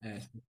Eh, sì,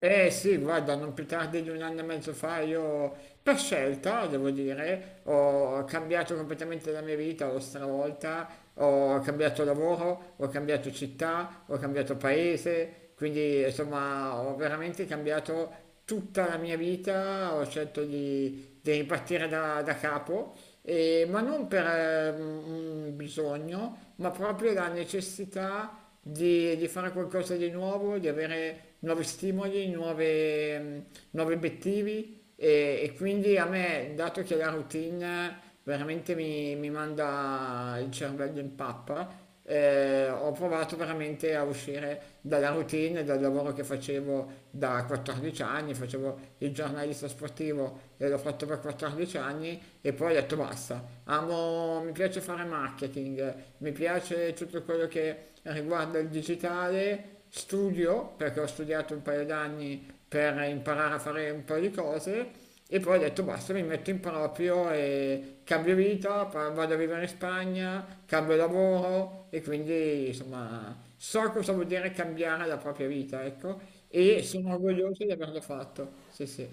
Sì, guarda, non più tardi di un anno e mezzo fa io, per scelta, devo dire, ho cambiato completamente la mia vita, l'ho stravolta, ho cambiato lavoro, ho cambiato città, ho cambiato paese, quindi insomma ho veramente cambiato tutta la mia vita, ho scelto di ripartire da capo, ma non per un bisogno, ma proprio la necessità di fare qualcosa di nuovo, di avere nuovi stimoli, nuovi obiettivi e quindi a me, dato che la routine veramente mi manda il cervello in pappa, ho provato veramente a uscire dalla routine, dal lavoro che facevo da 14 anni, facevo il giornalista sportivo e l'ho fatto per 14 anni e poi ho detto basta, amo. No, mi piace fare marketing, mi piace tutto quello che riguarda il digitale, studio perché ho studiato un paio d'anni per imparare a fare un paio di cose e poi ho detto basta, mi metto in proprio e cambio vita, vado a vivere in Spagna, cambio lavoro e quindi insomma so cosa vuol dire cambiare la propria vita, ecco, e sono orgoglioso di averlo fatto. Sì, sì,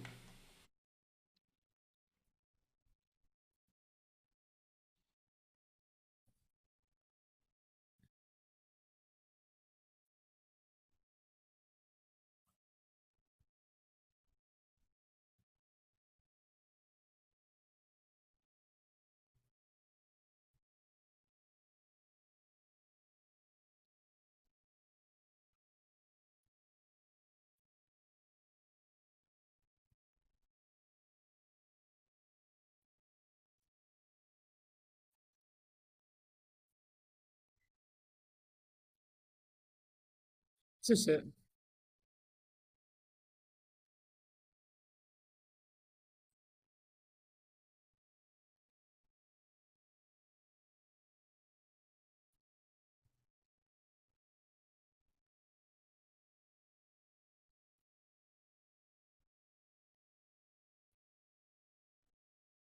sì, sì,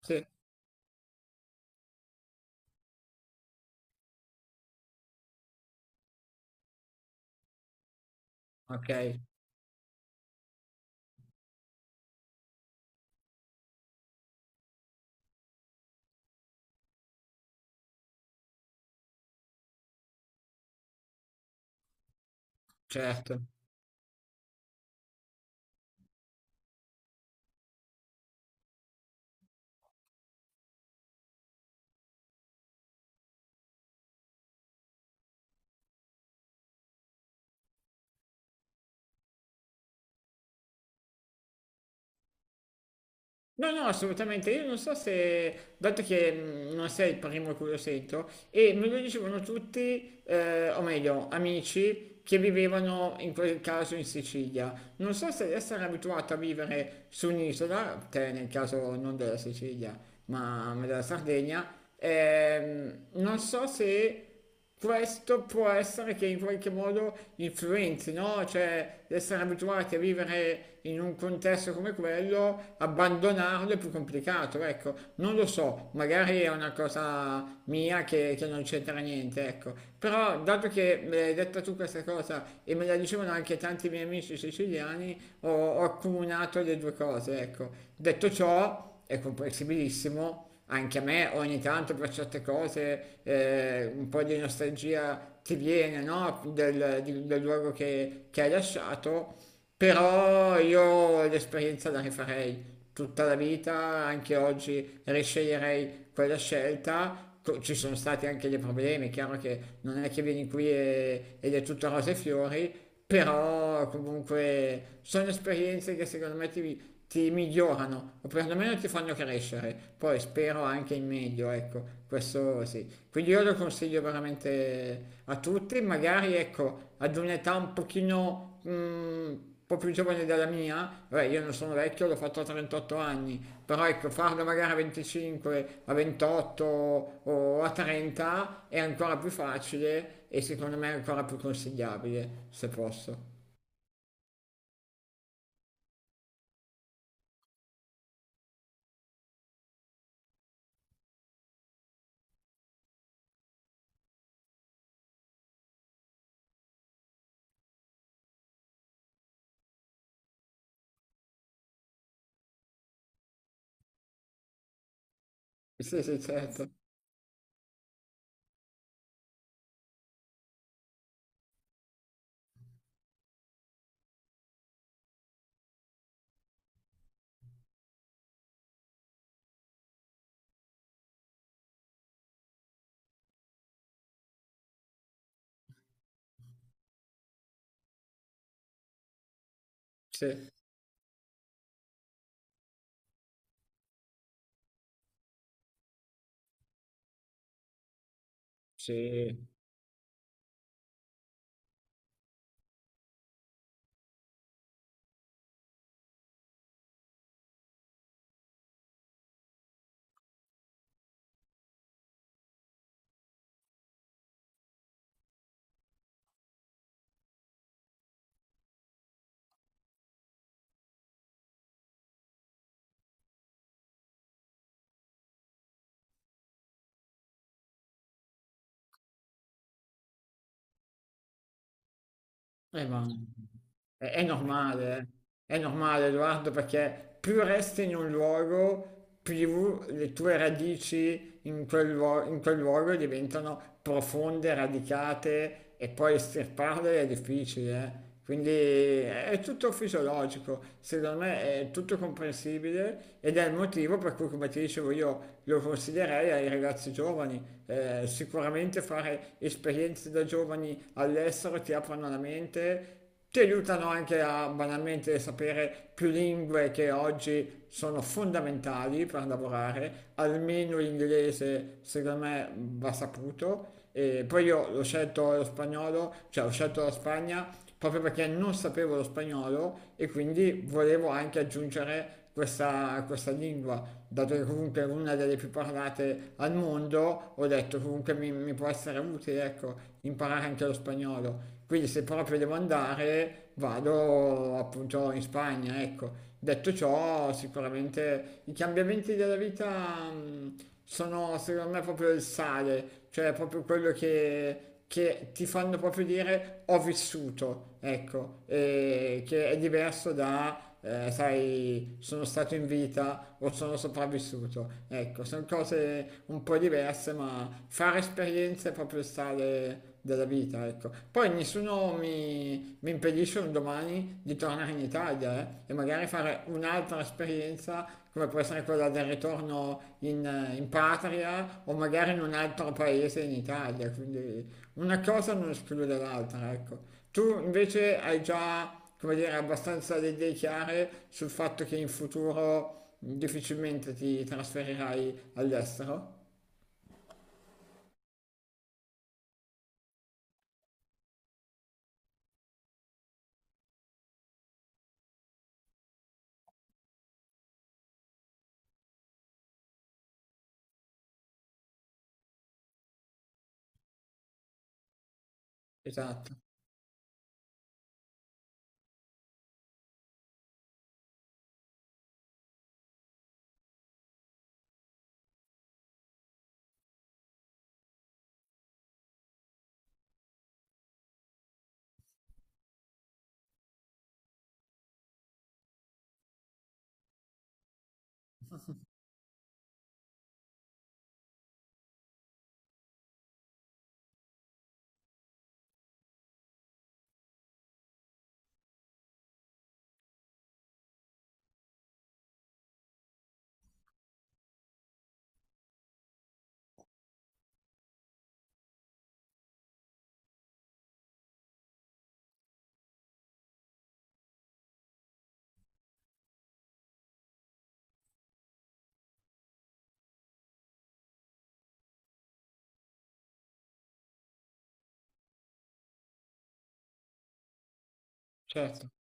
sì. Ok, certo. No, no, assolutamente. Io non so se, dato che non sei il primo a cui lo sento, e me lo dicevano tutti, o meglio, amici che vivevano in quel caso in Sicilia. Non so se essere abituato a vivere su un'isola, te nel caso non della Sicilia, ma della Sardegna. Non so se questo può essere che in qualche modo influenzi, no? Cioè, essere abituati a vivere in un contesto come quello, abbandonarlo è più complicato, ecco. Non lo so, magari è una cosa mia che non c'entra niente, ecco. Però, dato che me l'hai detta tu questa cosa e me la dicevano anche tanti miei amici siciliani, ho accomunato le due cose, ecco. Detto ciò, è comprensibilissimo anche a me ogni tanto per certe cose un po' di nostalgia ti viene, no? Del luogo che hai lasciato, però io l'esperienza la rifarei tutta la vita, anche oggi risceglierei quella scelta. Ci sono stati anche dei problemi, è chiaro che non è che vieni qui ed è tutto rose e fiori, però comunque sono esperienze che secondo me ti migliorano o perlomeno ti fanno crescere. Poi spero anche in meglio, ecco, questo sì. Quindi io lo consiglio veramente a tutti, magari ecco, ad un'età un pochino un po' più giovane della mia, beh, io non sono vecchio, l'ho fatto a 38 anni, però ecco, farlo magari a 25, a 28 o a 30 è ancora più facile e secondo me è ancora più consigliabile, se posso. Sì, sì, certo. Sì, sì. Ma è normale, eh. È normale, Edoardo, perché più resti in un luogo, più le tue radici in quel, in quel luogo diventano profonde, radicate e poi estirparle è difficile, eh. Quindi è tutto fisiologico, secondo me è tutto comprensibile ed è il motivo per cui, come ti dicevo, io lo consiglierei ai ragazzi giovani. Sicuramente fare esperienze da giovani all'estero ti aprono la mente, ti aiutano anche a banalmente sapere più lingue che oggi sono fondamentali per lavorare, almeno l'inglese secondo me va saputo. E poi io l'ho scelto lo spagnolo, cioè ho scelto la Spagna proprio perché non sapevo lo spagnolo e quindi volevo anche aggiungere questa lingua, dato che comunque è una delle più parlate al mondo, ho detto comunque mi può essere utile, ecco, imparare anche lo spagnolo. Quindi se proprio devo andare, vado appunto in Spagna, ecco. Detto ciò, sicuramente i cambiamenti della vita sono secondo me proprio il sale, cioè proprio quello che ti fanno proprio dire ho vissuto, ecco, e che è diverso da, sai, sono stato in vita o sono sopravvissuto. Ecco, sono cose un po' diverse, ma fare esperienze è proprio il sale della vita, ecco. Poi nessuno mi impedisce un domani di tornare in Italia, e magari fare un'altra esperienza come può essere quella del ritorno in, in patria o magari in un altro paese in Italia, quindi una cosa non esclude l'altra, ecco. Tu invece hai già, come dire, abbastanza le idee chiare sul fatto che in futuro difficilmente ti trasferirai all'estero? Esatto, certo.